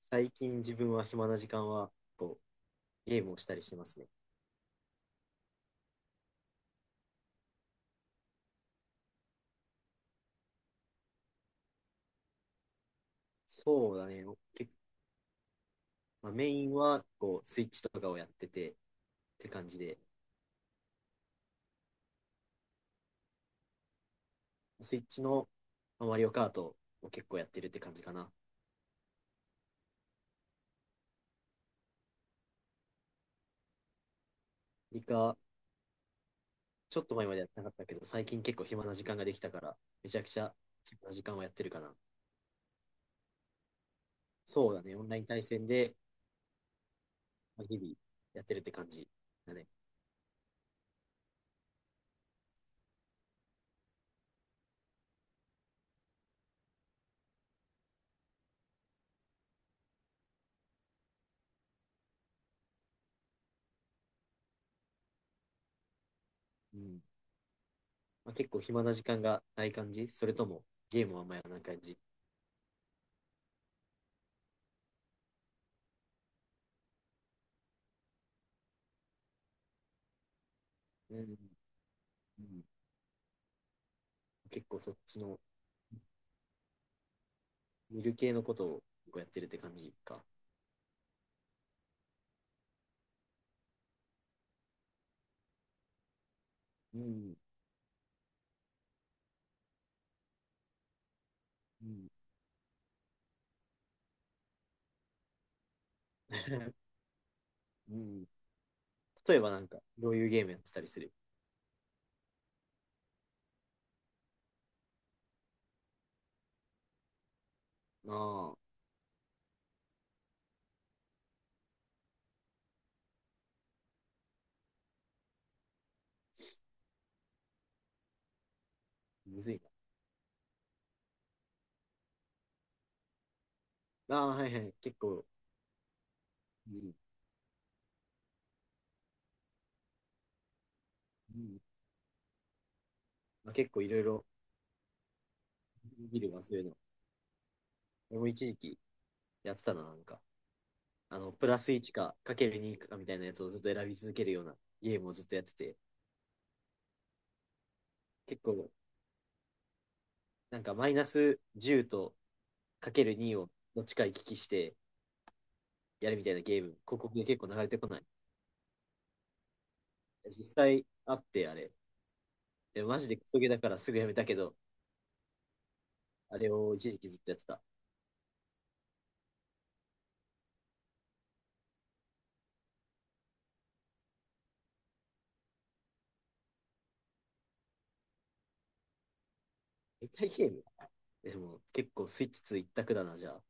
最近自分は暇な時間はこうゲームをしたりしますね。そうだね。結まあ、メインはこうスイッチとかをやっててって感じで、スイッチのまあマリオカートを結構やってるって感じかな。リカ、ちょっと前までやってなかったけど、最近結構暇な時間ができたから、めちゃくちゃ暇な時間をやってるかな。そうだね。オンライン対戦でまあ日々やってるって感じだね。うん。まあ、結構暇な時間がない感じ、それともゲームはあんまやらない感じ？うん。うん、結構そっちの見る系のことをやってるって感じか。うん。うん。うん、例えばなんか、どういうゲームやってたりする？ああ、むずいな。ああ、はいはい。結構、うん。うん。まあ、結構いろいろ見るわ、そういうの。俺も一時期やってたな、なんか。あの、プラス1か、かける2かみたいなやつをずっと選び続けるようなゲームをずっとやってて、結構、なんかマイナス10とかける2をどっちか行き来してやるみたいなゲーム、広告で結構流れてこない？実際あって、あれ。でマジでクソゲーだからすぐやめたけど、あれを一時期ずっとやってた。携帯ゲームでも結構スイッチ2一択だな、じゃあ。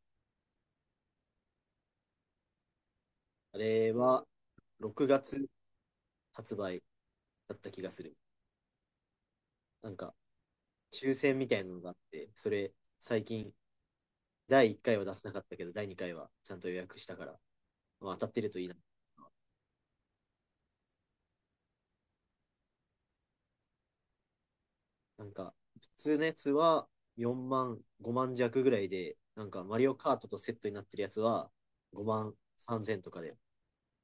あれは6月発売だった気がする。なんか抽選みたいなのがあって、それ最近第1回は出せなかったけど、第2回はちゃんと予約したから、まあ、当たってるといいな。なんか普通のやつは4万、5万弱ぐらいで、なんかマリオカートとセットになってるやつは5万3000とかで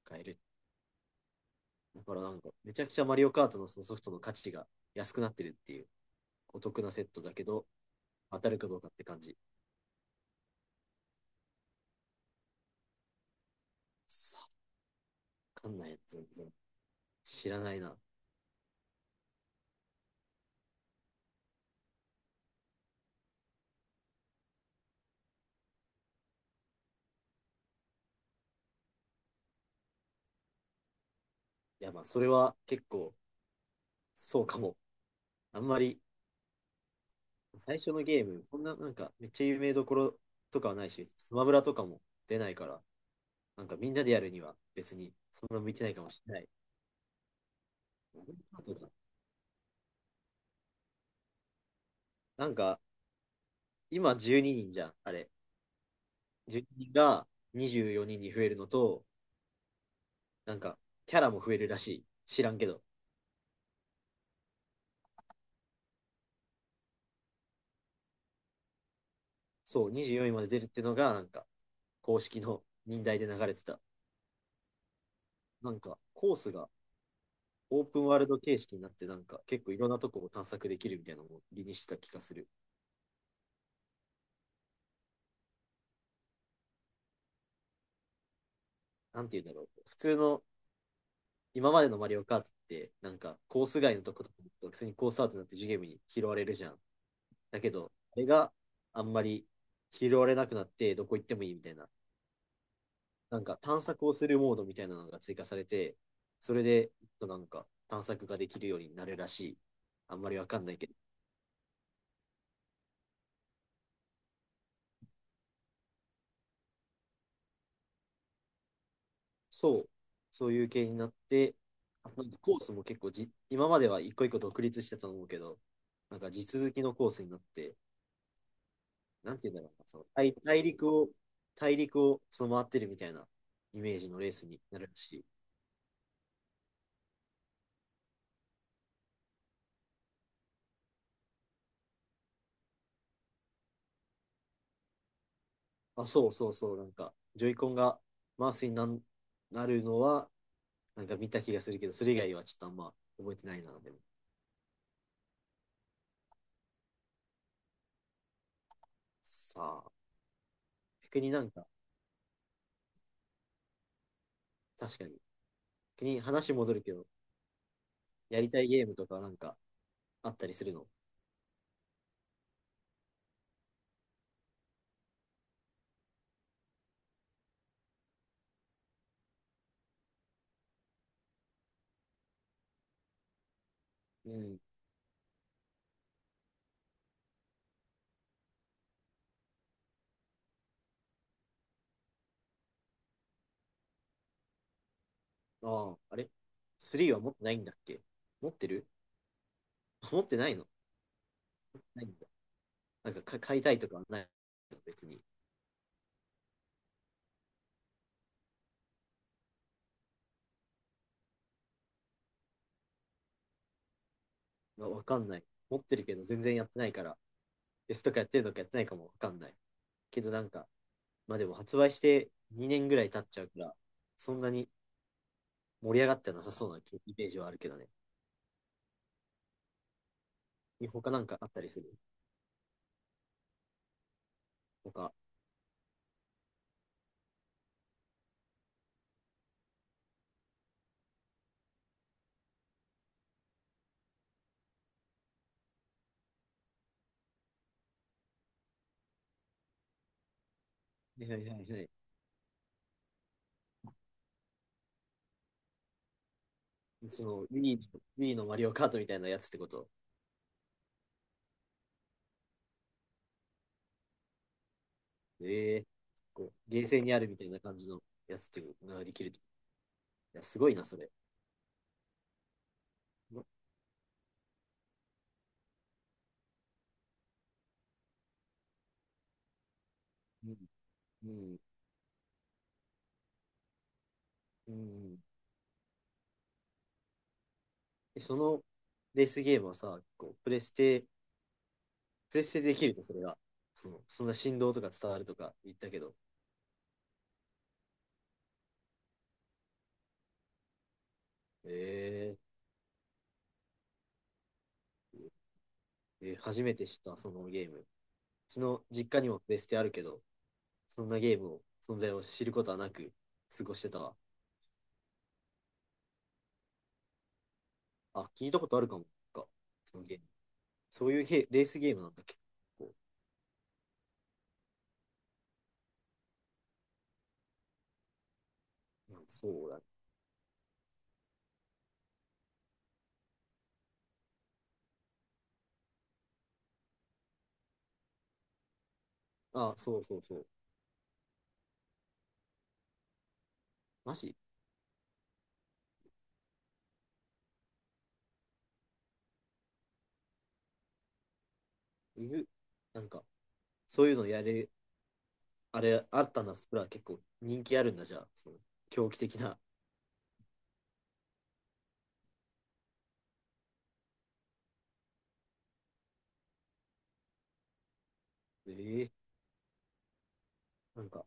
買える。だからなんか、めちゃくちゃマリオカートのそのソフトの価値が安くなってるっていう、お得なセットだけど、当たるかどうかって感じ。さあ、わかんない、全然。知らないな。いや、まあ、それは結構、そうかも。あんまり、最初のゲーム、そんな、なんか、めっちゃ有名どころとかはないし、スマブラとかも出ないから、なんかみんなでやるには別に、そんな向いてないかもしれない。なんか、今12人じゃん、あれ。12人が24人にんに増えるのと、なんか、キャラも増えるらしい。知らんけど。そう、24位まで出るってのが、なんか、公式の任代で流れてた。なんか、コースがオープンワールド形式になって、なんか、結構いろんなとこを探索できるみたいなのを売りにしてた気がする。なんて言うんだろう。普通の、今までのマリオカートって、なんか、コース外のとことかに行くと、普通にコースアウトになってジュゲームに拾われるじゃん。だけど、あれがあんまり拾われなくなって、どこ行ってもいいみたいな、なんか探索をするモードみたいなのが追加されて、それでなんか探索ができるようになるらしい。あんまりわかんないけど。そう、そういう系になって、あ、なんかコースも結構、今までは一個一個独立してたと思うけど、なんか地続きのコースになって、なんて言うんだろうな、その大陸をその回ってるみたいなイメージのレースになるらしい。あ、そうそうそう、なんか、ジョイコンがマウスになるのは、なんか見た気がするけど、それ以外はちょっとあんま覚えてないな、でも。さあ、逆になんか、確かに、逆に話戻るけど、やりたいゲームとかなんかあったりするの？うん。ああ、あれ？ 3 は持ってないんだっけ？持ってる？あ、持ってないの？ないんだ。なんか買いたいとかはないの、別に？わかんない。持ってるけど全然やってないから、S とかやってるのかやってないかもわかんない。けどなんか、まあでも発売して2年ぐらい経っちゃうから、そんなに盛り上がってなさそうなイメージはあるけどね。他なんかあったりする？他は？いはいはいはい。その、ウィニーのマリオカートみたいなやつってこと？ええ、こう、ゲーセンにあるみたいな感じのやつっていうのができる？いや、すごいな、それ。うん、うん、うん。え、そのレースゲームはさ、こう、プレステでできると、それが？その、そんな振動とか伝わるとか言ったけど。ええ。えー、初めて知った、そのゲーム。ちの実家にもベステあるけど、そんなゲームを、存在を知ることはなく過ごしてたわ。あ、聞いたことあるかもか。そのゲーム。そういうヘレースゲームなんだっけ？うん、そうだ。あ、そうそうそう。マジ？うぐ、なんか、そういうのやれ、あれ、あったな。スプラ結構人気あるんだ、じゃあ。その狂気的な。えー、なんか、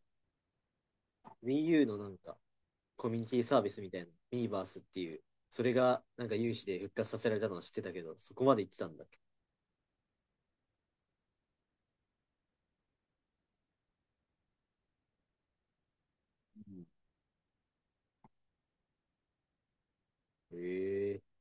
Wii U のなんか、コミュニティサービスみたいな、ミーバースっていう、それがなんか有志で復活させられたのは知ってたけど、そこまで行ってたんだっけ？ええー。